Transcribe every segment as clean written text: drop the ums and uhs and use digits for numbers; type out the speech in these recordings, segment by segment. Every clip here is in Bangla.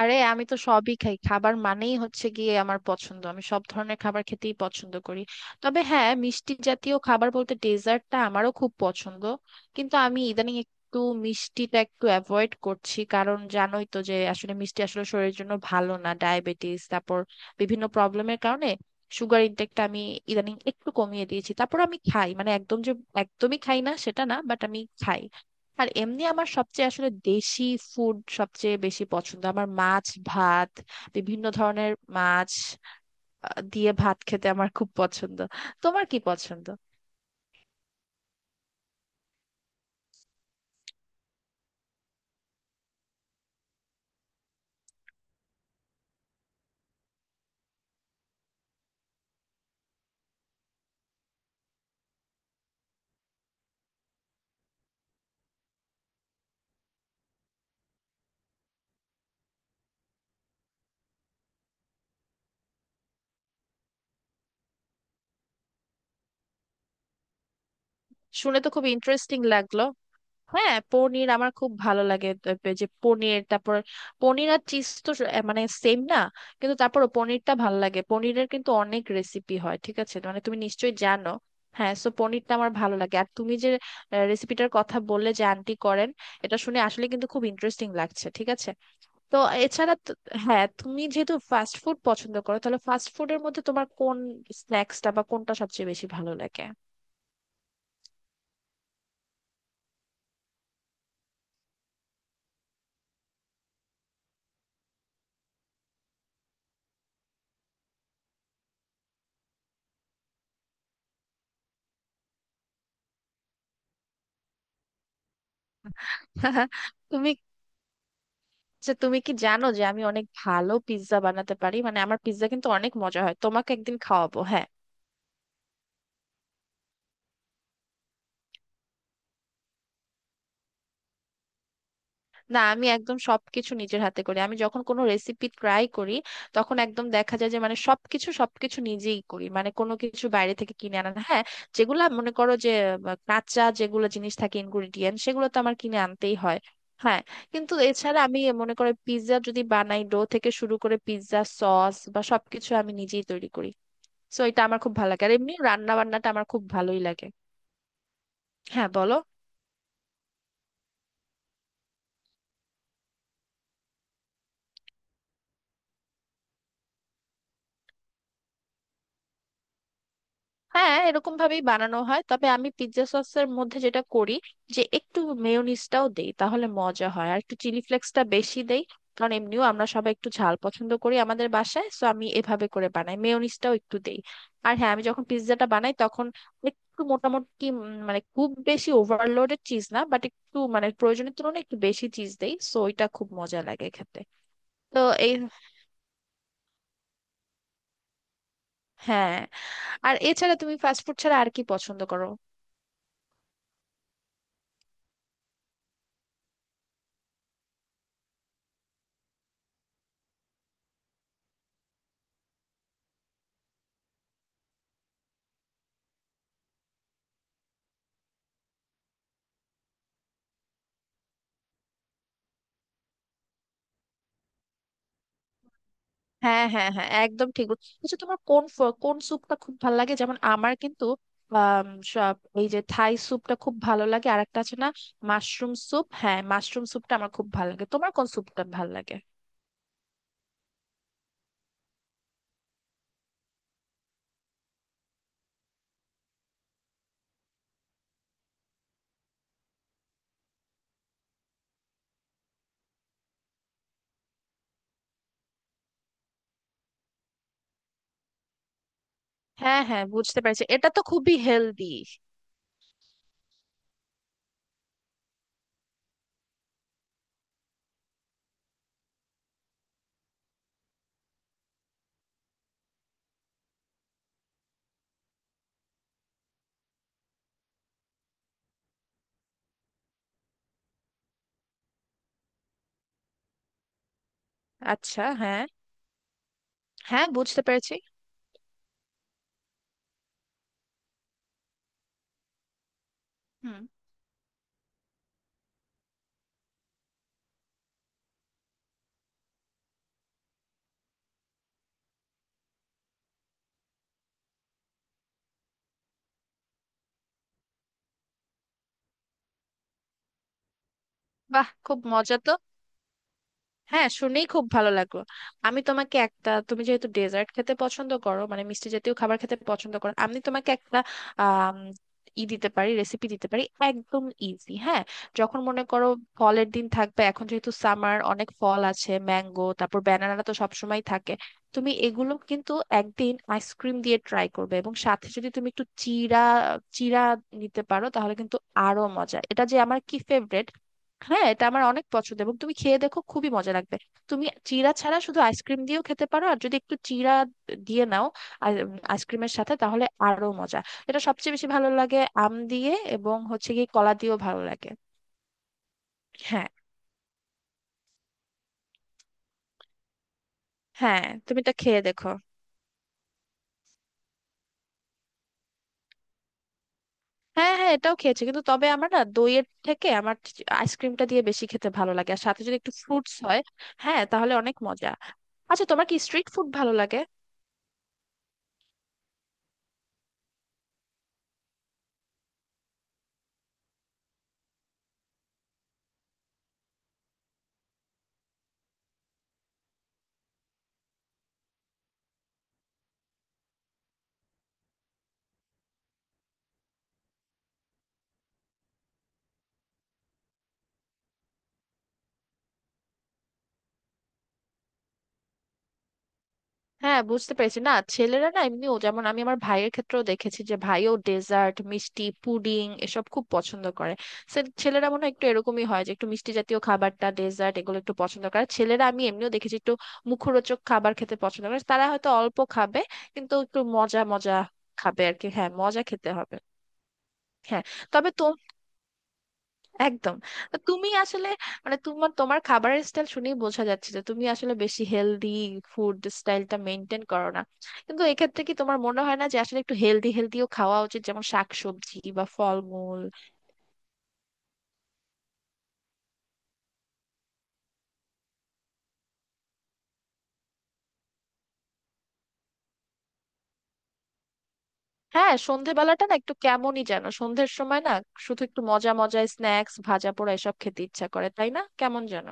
আরে আমি তো সবই খাই। খাবার মানেই হচ্ছে গিয়ে আমার পছন্দ, আমি সব ধরনের খাবার খেতেই পছন্দ করি। তবে হ্যাঁ, মিষ্টি জাতীয় খাবার বলতে ডেজার্টটা আমারও খুব পছন্দ। কিন্তু আমি ইদানিং একটু মিষ্টিটা একটু অ্যাভয়েড করছি, কারণ জানোই তো যে আসলে মিষ্টি আসলে শরীরের জন্য ভালো না, ডায়াবেটিস তারপর বিভিন্ন প্রবলেমের কারণে। সুগার ইনটেকটা আমি ইদানিং একটু কমিয়ে দিয়েছি। তারপর আমি খাই, মানে একদম যে একদমই খাই না সেটা না, বাট আমি খাই। আর এমনি আমার সবচেয়ে আসলে দেশি ফুড সবচেয়ে বেশি পছন্দ, আমার মাছ ভাত, বিভিন্ন ধরনের মাছ দিয়ে ভাত খেতে আমার খুব পছন্দ। তোমার কি পছন্দ? শুনে তো খুব ইন্টারেস্টিং লাগলো। হ্যাঁ, পনির আমার খুব ভালো লাগে। তারপরে যে পনির, তারপর পনির আর চিজ তো এ মানে সেম না, কিন্তু তারপরও পনিরটা ভালো লাগে। পনিরের কিন্তু অনেক রেসিপি হয়, ঠিক আছে, মানে তুমি নিশ্চয়ই জানো। হ্যাঁ, সো পনিরটা আমার ভালো লাগে। আর তুমি যে রেসিপিটার কথা বললে যে আন্টি করেন, এটা শুনে আসলে কিন্তু খুব ইন্টারেস্টিং লাগছে, ঠিক আছে। তো এছাড়া তো- হ্যাঁ, তুমি যেহেতু ফাস্ট ফুড পছন্দ করো, তাহলে ফাস্ট ফুডের মধ্যে তোমার কোন স্ন্যাক্সটা বা কোনটা সবচেয়ে বেশি ভালো লাগে? তুমি, যে তুমি কি জানো যে আমি অনেক ভালো পিৎজা বানাতে পারি? মানে আমার পিৎজা কিন্তু অনেক মজা হয়, তোমাকে একদিন খাওয়াবো, হ্যাঁ। না, আমি একদম সবকিছু নিজের হাতে করি। আমি যখন কোনো রেসিপি ট্রাই করি তখন একদম দেখা যায় যে মানে সবকিছু সবকিছু নিজেই করি, মানে কোনো কিছু বাইরে থেকে কিনে আনা না, হ্যাঁ। যেগুলো মনে করো যে কাঁচা যেগুলো জিনিস থাকে, ইনগ্রিডিয়েন্ট, সেগুলো তো আমার কিনে আনতেই হয়। হ্যাঁ, কিন্তু এছাড়া আমি মনে করো পিৎজা যদি বানাই, ডো থেকে শুরু করে পিৎজা সস বা সবকিছু আমি নিজেই তৈরি করি। সো এটা আমার খুব ভালো লাগে, আর এমনি রান্না বান্নাটা আমার খুব ভালোই লাগে। হ্যাঁ, বলো। হ্যাঁ, এরকম ভাবেই বানানো হয়, তবে আমি পিৎজা সসের মধ্যে যেটা করি, যে একটু মেয়োনিজটাও দেই তাহলে মজা হয়, আর একটু চিলি ফ্লেক্সটা বেশি দেই, কারণ এমনিও আমরা সবাই একটু ঝাল পছন্দ করি আমাদের বাসায়। সো আমি এভাবে করে বানাই, মেয়োনিজটাও একটু দেই। আর হ্যাঁ, আমি যখন পিৎজাটা বানাই তখন একটু মোটামুটি মানে খুব বেশি ওভারলোডেড চিজ না, বাট একটু মানে প্রয়োজনের তুলনায় একটু বেশি চিজ দেই। সো এটা খুব মজা লাগে খেতে। তো এই, হ্যাঁ। আর এছাড়া তুমি ফাস্টফুড ছাড়া আর কি পছন্দ করো? হ্যাঁ হ্যাঁ হ্যাঁ, একদম ঠিক আচ্ছা, তোমার কোন কোন স্যুপটা খুব ভালো লাগে? যেমন আমার কিন্তু আম, সব, এই যে থাই স্যুপটা খুব ভালো লাগে, আর একটা আছে না মাশরুম স্যুপ। হ্যাঁ, মাশরুম স্যুপটা আমার খুব ভালো লাগে। তোমার কোন স্যুপটা ভালো লাগে? হ্যাঁ হ্যাঁ, বুঝতে পেরেছি, এটা তো খুবই হেলদি। আচ্ছা, হ্যাঁ। হ্যাঁ, বুঝতে পেরেছি। হুম। বাহ, খুব মজা তো। হ্যাঁ, শুনেই খুব ভালো লাগলো। আমি তোমাকে একটা, তুমি যেহেতু ডেজার্ট খেতে পছন্দ করো, মানে মিষ্টি জাতীয় খাবার খেতে পছন্দ করো, আমি তোমাকে একটা আম, ই দিতে পারি, রেসিপি দিতে পারি, একদম ইজি, হ্যাঁ। যখন মনে করো ফলের দিন থাকবে, এখন যেহেতু সামার, অনেক ফল আছে, ম্যাঙ্গো তারপর ব্যানানা তো সবসময় থাকে, তুমি এগুলো কিন্তু একদিন আইসক্রিম দিয়ে ট্রাই করবে, এবং সাথে যদি তুমি একটু চিড়া চিড়া নিতে পারো তাহলে কিন্তু আরো মজা। এটা যে আমার কি ফেভারিট! হ্যাঁ, এটা আমার অনেক পছন্দ, এবং তুমি খেয়ে দেখো, খুবই মজা লাগবে। তুমি চিড়া ছাড়া শুধু আইসক্রিম দিয়েও খেতে পারো, আর যদি একটু চিড়া দিয়ে নাও আইসক্রিমের সাথে, তাহলে আরো মজা। এটা সবচেয়ে বেশি ভালো লাগে আম দিয়ে, এবং হচ্ছে কি, কলা দিয়েও ভালো লাগে। হ্যাঁ, হ্যাঁ, তুমি এটা খেয়ে দেখো। হ্যাঁ হ্যাঁ, এটাও খেয়েছি, কিন্তু তবে আমার না দইয়ের থেকে আমার আইসক্রিমটা দিয়ে বেশি খেতে ভালো লাগে, আর সাথে যদি একটু ফ্রুটস হয়। হ্যাঁ, তাহলে অনেক মজা। আচ্ছা, তোমার কি স্ট্রিট ফুড ভালো লাগে? হ্যাঁ, বুঝতে পেরেছি। না, ছেলেরা না এমনিও, যেমন আমি আমার ভাইয়ের ক্ষেত্রেও দেখেছি যে ভাইও ডেজার্ট, মিষ্টি, পুডিং এসব খুব পছন্দ করে। ছেলেরা মনে হয় একটু এরকমই হয় যে একটু মিষ্টি জাতীয় খাবারটা, ডেজার্ট এগুলো একটু পছন্দ করে ছেলেরা, আমি এমনিও দেখেছি। একটু মুখরোচক খাবার খেতে পছন্দ করে তারা, হয়তো অল্প খাবে কিন্তু একটু মজা মজা খাবে আর কি। হ্যাঁ, মজা খেতে হবে। হ্যাঁ, তবে একদম। তো তুমি আসলে, মানে তোমার তোমার খাবারের স্টাইল শুনেই বোঝা যাচ্ছে যে তুমি আসলে বেশি হেলদি ফুড স্টাইলটা মেনটেন করো না। কিন্তু এক্ষেত্রে কি তোমার মনে হয় না যে আসলে একটু হেলদিও খাওয়া উচিত, যেমন শাকসবজি বা ফলমূল? হ্যাঁ, সন্ধেবেলাটা না একটু কেমনই যেন, সন্ধ্যের সময় না শুধু একটু মজা মজা স্ন্যাক্স, ভাজা পোড়া এসব খেতে ইচ্ছা করে, তাই না? কেমন যেন।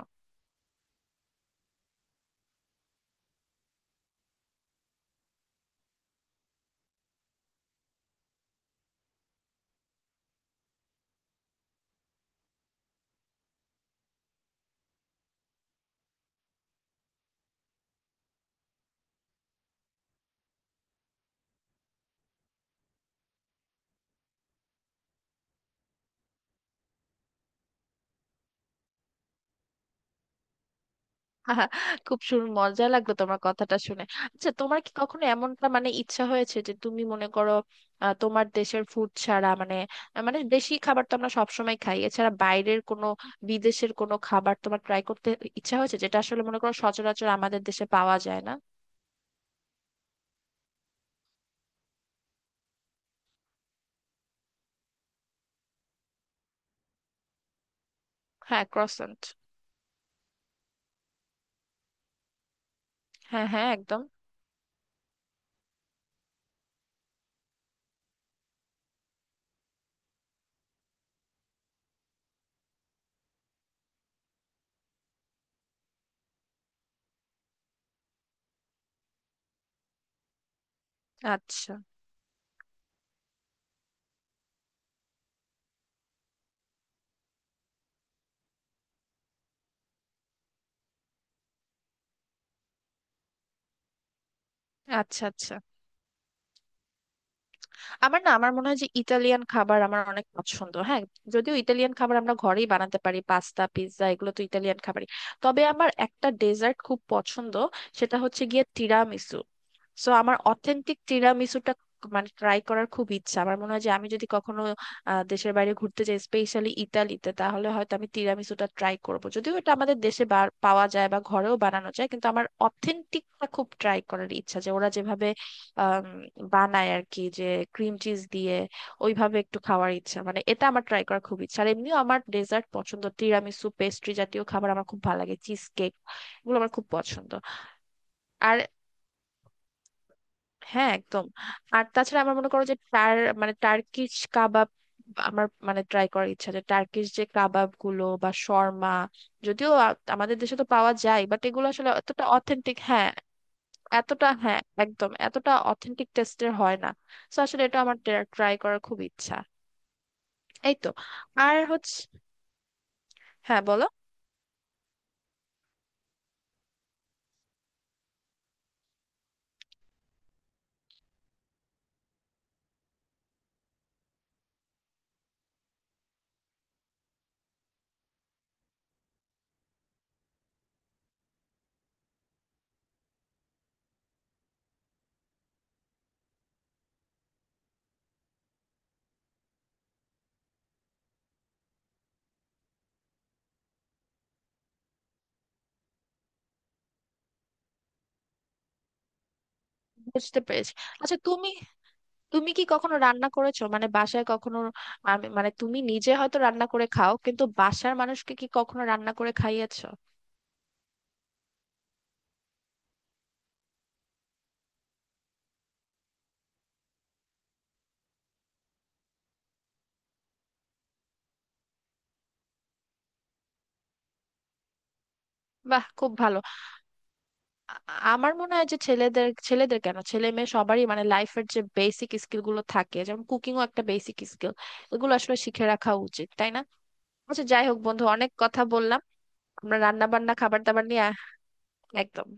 খুব মজা লাগলো তোমার কথাটা শুনে। আচ্ছা, তোমার কি কখনো এমনটা মানে ইচ্ছা হয়েছে যে তুমি মনে করো তোমার দেশের ফুড ছাড়া, মানে, মানে দেশি খাবার তো আমরা সবসময় খাই, এছাড়া বাইরের কোনো বিদেশের কোনো খাবার তোমার ট্রাই করতে ইচ্ছা হয়েছে যেটা আসলে মনে করো সচরাচর আমাদের দেশে পাওয়া যায় না? হ্যাঁ, ক্রসেন্ট। হ্যাঁ হ্যাঁ, একদম। আচ্ছা আচ্ছা। আচ্ছা, আমার না আমার মনে হয় যে ইতালিয়ান খাবার আমার অনেক পছন্দ, হ্যাঁ। যদিও ইতালিয়ান খাবার আমরা ঘরেই বানাতে পারি, পাস্তা পিৎজা এগুলো তো ইতালিয়ান খাবারই। তবে আমার একটা ডেজার্ট খুব পছন্দ, সেটা হচ্ছে গিয়ে তিরামিসু। সো আমার অথেন্টিক তিরামিসুটা মানে ট্রাই করার খুব ইচ্ছা। আমার মনে হয় যে আমি যদি কখনো দেশের বাইরে ঘুরতে যাই, স্পেশালি ইতালিতে, তাহলে হয়তো আমি তিরামিসুটা ট্রাই করব। যদিও এটা আমাদের দেশে পাওয়া যায় বা ঘরেও বানানো যায়, কিন্তু আমার অথেন্টিকটা খুব ট্রাই করার ইচ্ছা, যে ওরা যেভাবে আম, বানায় আর কি, যে ক্রিম চিজ দিয়ে ওইভাবে একটু খাওয়ার ইচ্ছা। মানে এটা আমার ট্রাই করার খুব ইচ্ছা। আর এমনিও আমার ডেজার্ট পছন্দ, তিরামিসু, পেস্ট্রি জাতীয় খাবার আমার খুব ভালো লাগে, চিজ কেক, এগুলো আমার খুব পছন্দ। আর হ্যাঁ, একদম। আর তাছাড়া আমার মনে করো যে মানে টার্কিশ কাবাব আমার মানে ট্রাই করার ইচ্ছা, যে টার্কিশ যে কাবাব গুলো বা শর্মা, যদিও আমাদের দেশে তো পাওয়া যায়, বাট এগুলো আসলে অতটা অথেন্টিক, হ্যাঁ, এতটা, হ্যাঁ একদম, এতটা অথেন্টিক টেস্টের হয় না। তো আসলে এটা আমার ট্রাই করার খুব ইচ্ছা। এই তো। আর হচ্ছে, হ্যাঁ বলো। বুঝতে পেরেছি। আচ্ছা তুমি, তুমি কি কখনো রান্না করেছো, মানে বাসায় কখনো? মানে তুমি নিজে হয়তো রান্না করে খাও, কিন্তু বাসার মানুষকে কি কখনো রান্না করে খাইয়েছো? বাহ, খুব ভালো। আ- আমার মনে হয় যে ছেলেদের ছেলেদের কেন, ছেলে মেয়ে সবারই মানে লাইফের যে বেসিক স্কিল গুলো থাকে, যেমন কুকিংও একটা বেসিক স্কিল, এগুলো আসলে শিখে রাখা উচিত, তাই না? আচ্ছা, যাই হোক বন্ধু, অনেক কথা বললাম আমরা রান্না বান্না খাবার দাবার নিয়ে। একদম।